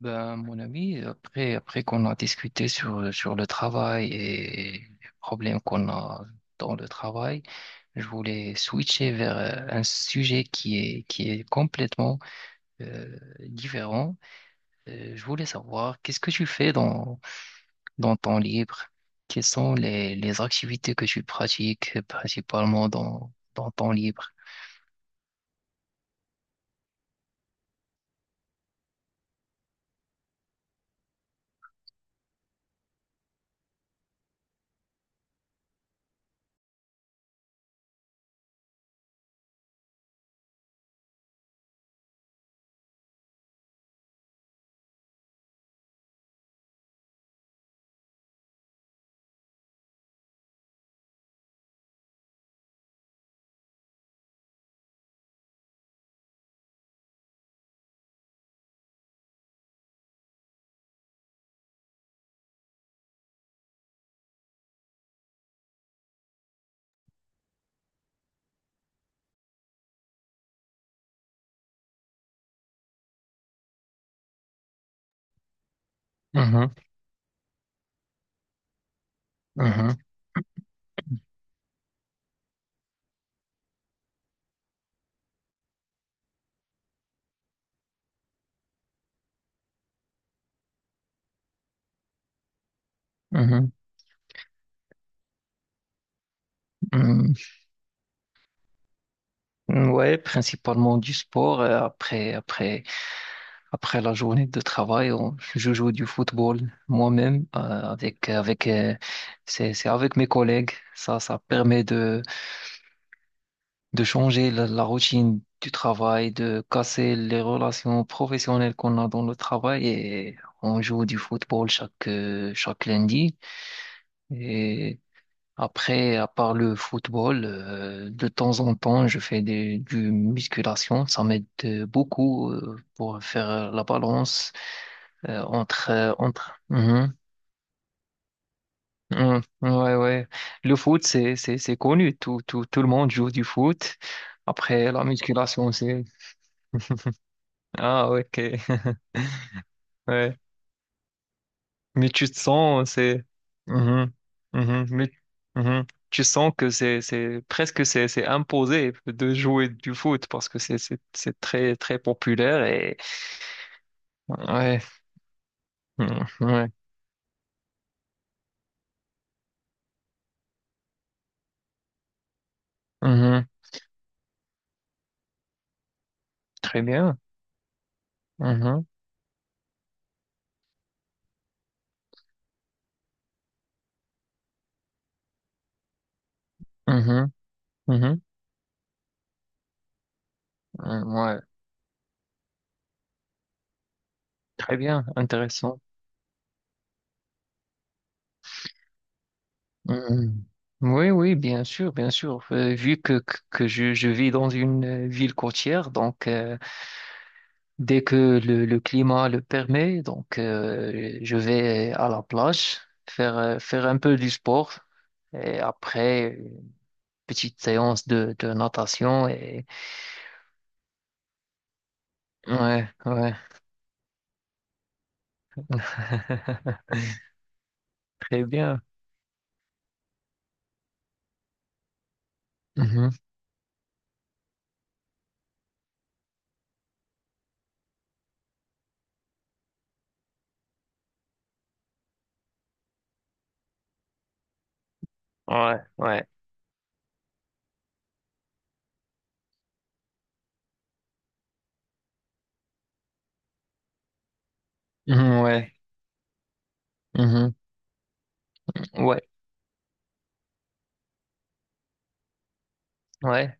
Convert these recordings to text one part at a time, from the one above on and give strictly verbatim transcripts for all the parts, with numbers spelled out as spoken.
Ben, mon ami, après, après qu'on a discuté sur, sur le travail et les problèmes qu'on a dans le travail, je voulais switcher vers euh, un sujet qui est, qui est complètement euh, différent. Euh, je voulais savoir, qu'est-ce que tu fais dans, dans ton libre? Quelles sont les, les activités que tu pratiques euh, principalement dans, dans ton libre? Mhm, mhm. Mhm, mhm. Ouais, principalement du sport. euh, Après, après, Après la journée de travail, on- je joue du football moi-même euh, avec avec euh, c'est c'est avec mes collègues. Ça ça permet de de changer la, la routine du travail, de casser les relations professionnelles qu'on a dans le travail et on joue du football chaque euh, chaque lundi. Et après, à part le football, euh, de temps en temps, je fais des du musculation. Ça m'aide euh, beaucoup euh, pour faire la balance. Euh, entre euh, entre Mhm. Mhm. Ouais, ouais, le foot c'est c'est c'est connu. Tout tout tout le monde joue du foot. Après, la musculation, c'est ah, ok. Ouais. mais tu te sens c'est Mhm. Mhm. Mais, Mhm, tu sens que c'est c'est presque c'est c'est imposé de jouer du foot parce que c'est c'est c'est très très populaire et ouais. Mhm. Ouais. Mhm. Très bien. Mhm. Mhm. Mhm. Mhm. Ouais, très bien, intéressant. Mhm. Oui, oui, bien sûr, bien sûr. Euh, vu que, que que je, je vis dans une euh, ville côtière, donc euh, dès que le, le climat le permet, donc euh, je vais à la plage faire, euh, faire un peu du sport et après une petite séance de, de natation et ouais, ouais, très bien. Mhm. Ouais, ouais. Mhm, ouais. Mhm. Ouais, ouais.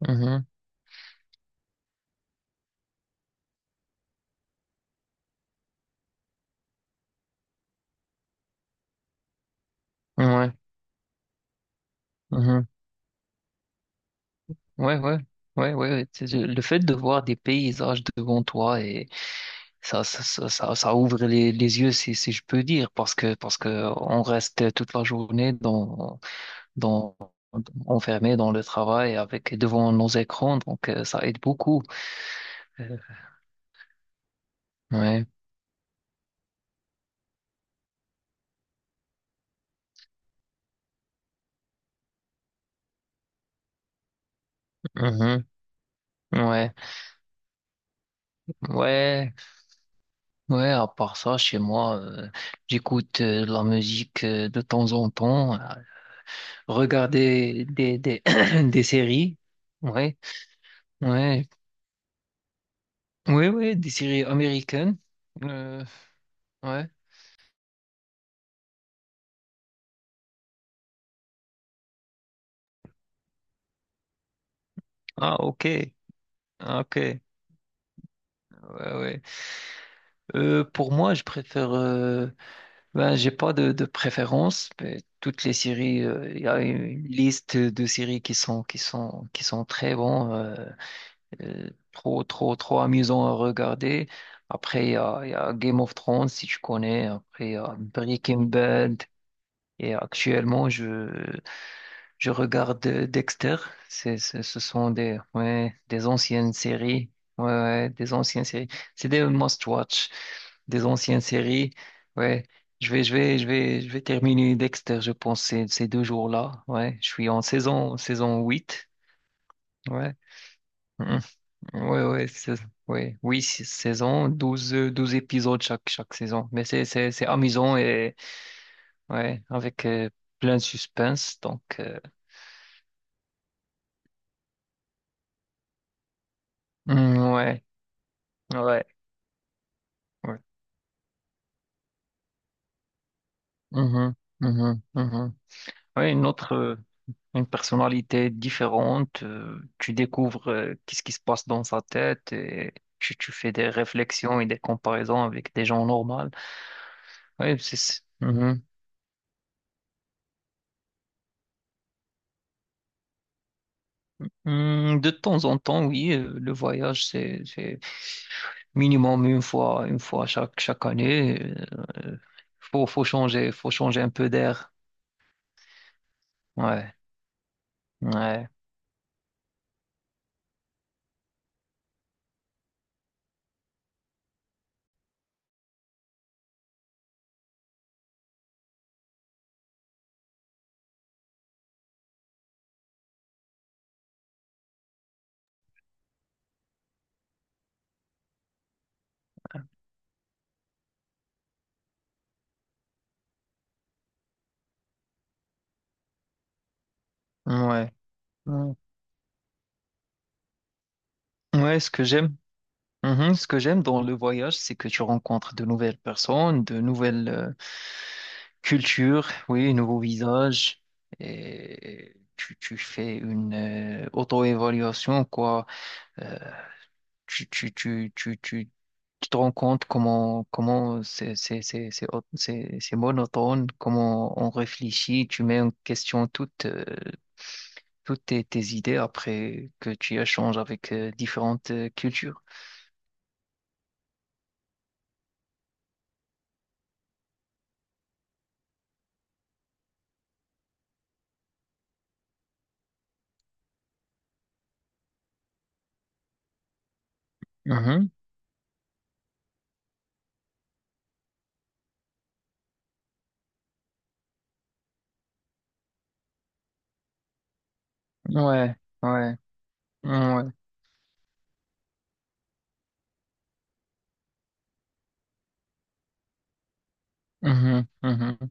Mhm. Ouais. Mhm. Ouais, ouais, ouais, ouais. C'est- c'est- Le fait de voir des paysages devant toi et ça, ça, ça, ça, ça ouvre les, les yeux, si, si je peux dire, parce que, parce que on reste toute la journée dans, dans, enfermé dans le travail avec devant nos écrans, donc euh, ça aide beaucoup. Euh, Ouais, mhm, ouais, ouais, ouais. À part ça, chez moi, euh, j'écoute euh, de la musique euh, de temps en temps, euh, regarder des, des, des séries. Ouais. Ouais. Oui, oui, des séries américaines. Euh, ouais. Ah, ok. Ah, ok. Ouais, ouais. Euh, pour moi, je préfère. euh, ben, j'ai pas de, de préférence. Mais toutes les séries, euh, il y a une liste de séries qui sont qui sont qui sont très bons, euh, euh, trop trop trop amusants à regarder. Après, il y a, il y a Game of Thrones, si tu connais. Après, il y a Breaking Bad. Et actuellement, je Je regarde euh, Dexter. C'est, c'est- ce sont des, ouais, des anciennes séries. Ouais, ouais, des anciennes séries. C'est des must-watch, des anciennes séries. Ouais. Je vais, je vais, je vais, je vais terminer Dexter, je pense, ces, ces deux jours-là. Ouais. Je suis en saison, saison huit. Ouais. Mhm. Ouais, ouais, c'est- ouais. Oui, c'est- saison, douze euh, douze épisodes chaque, chaque saison. Mais c'est, c'est, c'est amusant et, ouais, avec euh, plein de suspense. Donc, euh, mhm, ouais, ouais. Ouais. Mhm, mhm, mhm. Ouais, une autre, euh, une personnalité différente. Euh, tu découvres euh, qu'est-ce qui se passe dans sa tête et tu, tu fais des réflexions et des comparaisons avec des gens normaux. Ouais, c'est, c'est- mhm. Hmm, de temps en temps, oui, euh, le voyage, c'est, c'est minimum une fois, une fois chaque, chaque année. euh, euh, faut, faut changer, faut changer un peu d'air. Ouais, ouais, ouais. Ouais. Ouais, ce que j'aime. Mhm. Ce que j'aime dans le voyage, c'est que tu rencontres de nouvelles personnes, de nouvelles euh, cultures, oui, nouveaux visages, et tu, tu fais une euh, auto-évaluation, quoi. Euh, tu, tu, tu, tu, tu, tu te rends compte comment, comment c'est c'est- c'est- c'est au- c'est- c'est monotone, comment on réfléchit, tu mets en question toutes, euh, toutes tes, tes idées après que tu échanges avec euh, différentes euh, cultures. Ouais, ouais, ouais. Mhm, mhm.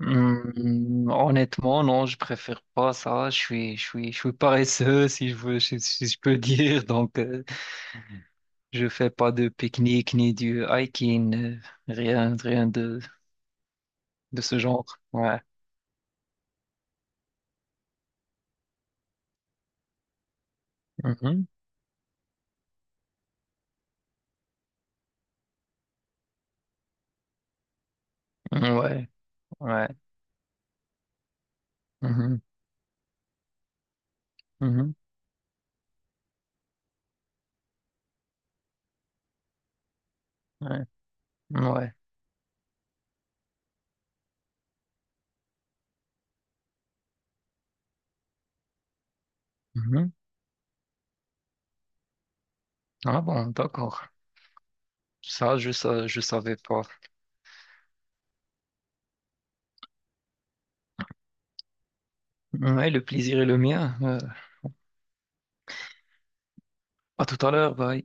Hum, honnêtement, non, je préfère pas ça. Je suis, je suis, je suis paresseux, si je veux, si, si je peux dire. Donc, euh, je fais pas de pique-nique ni du hiking, euh, rien, rien de, de ce genre. Ouais. Mhm. Ouais, ouais. Mhm, mhm. Ouais, ouais. Mhm. Ah bon, d'accord. Ça, je, sa- je savais pas. Ouais, le plaisir est le mien. Euh, à tout à l'heure, bye.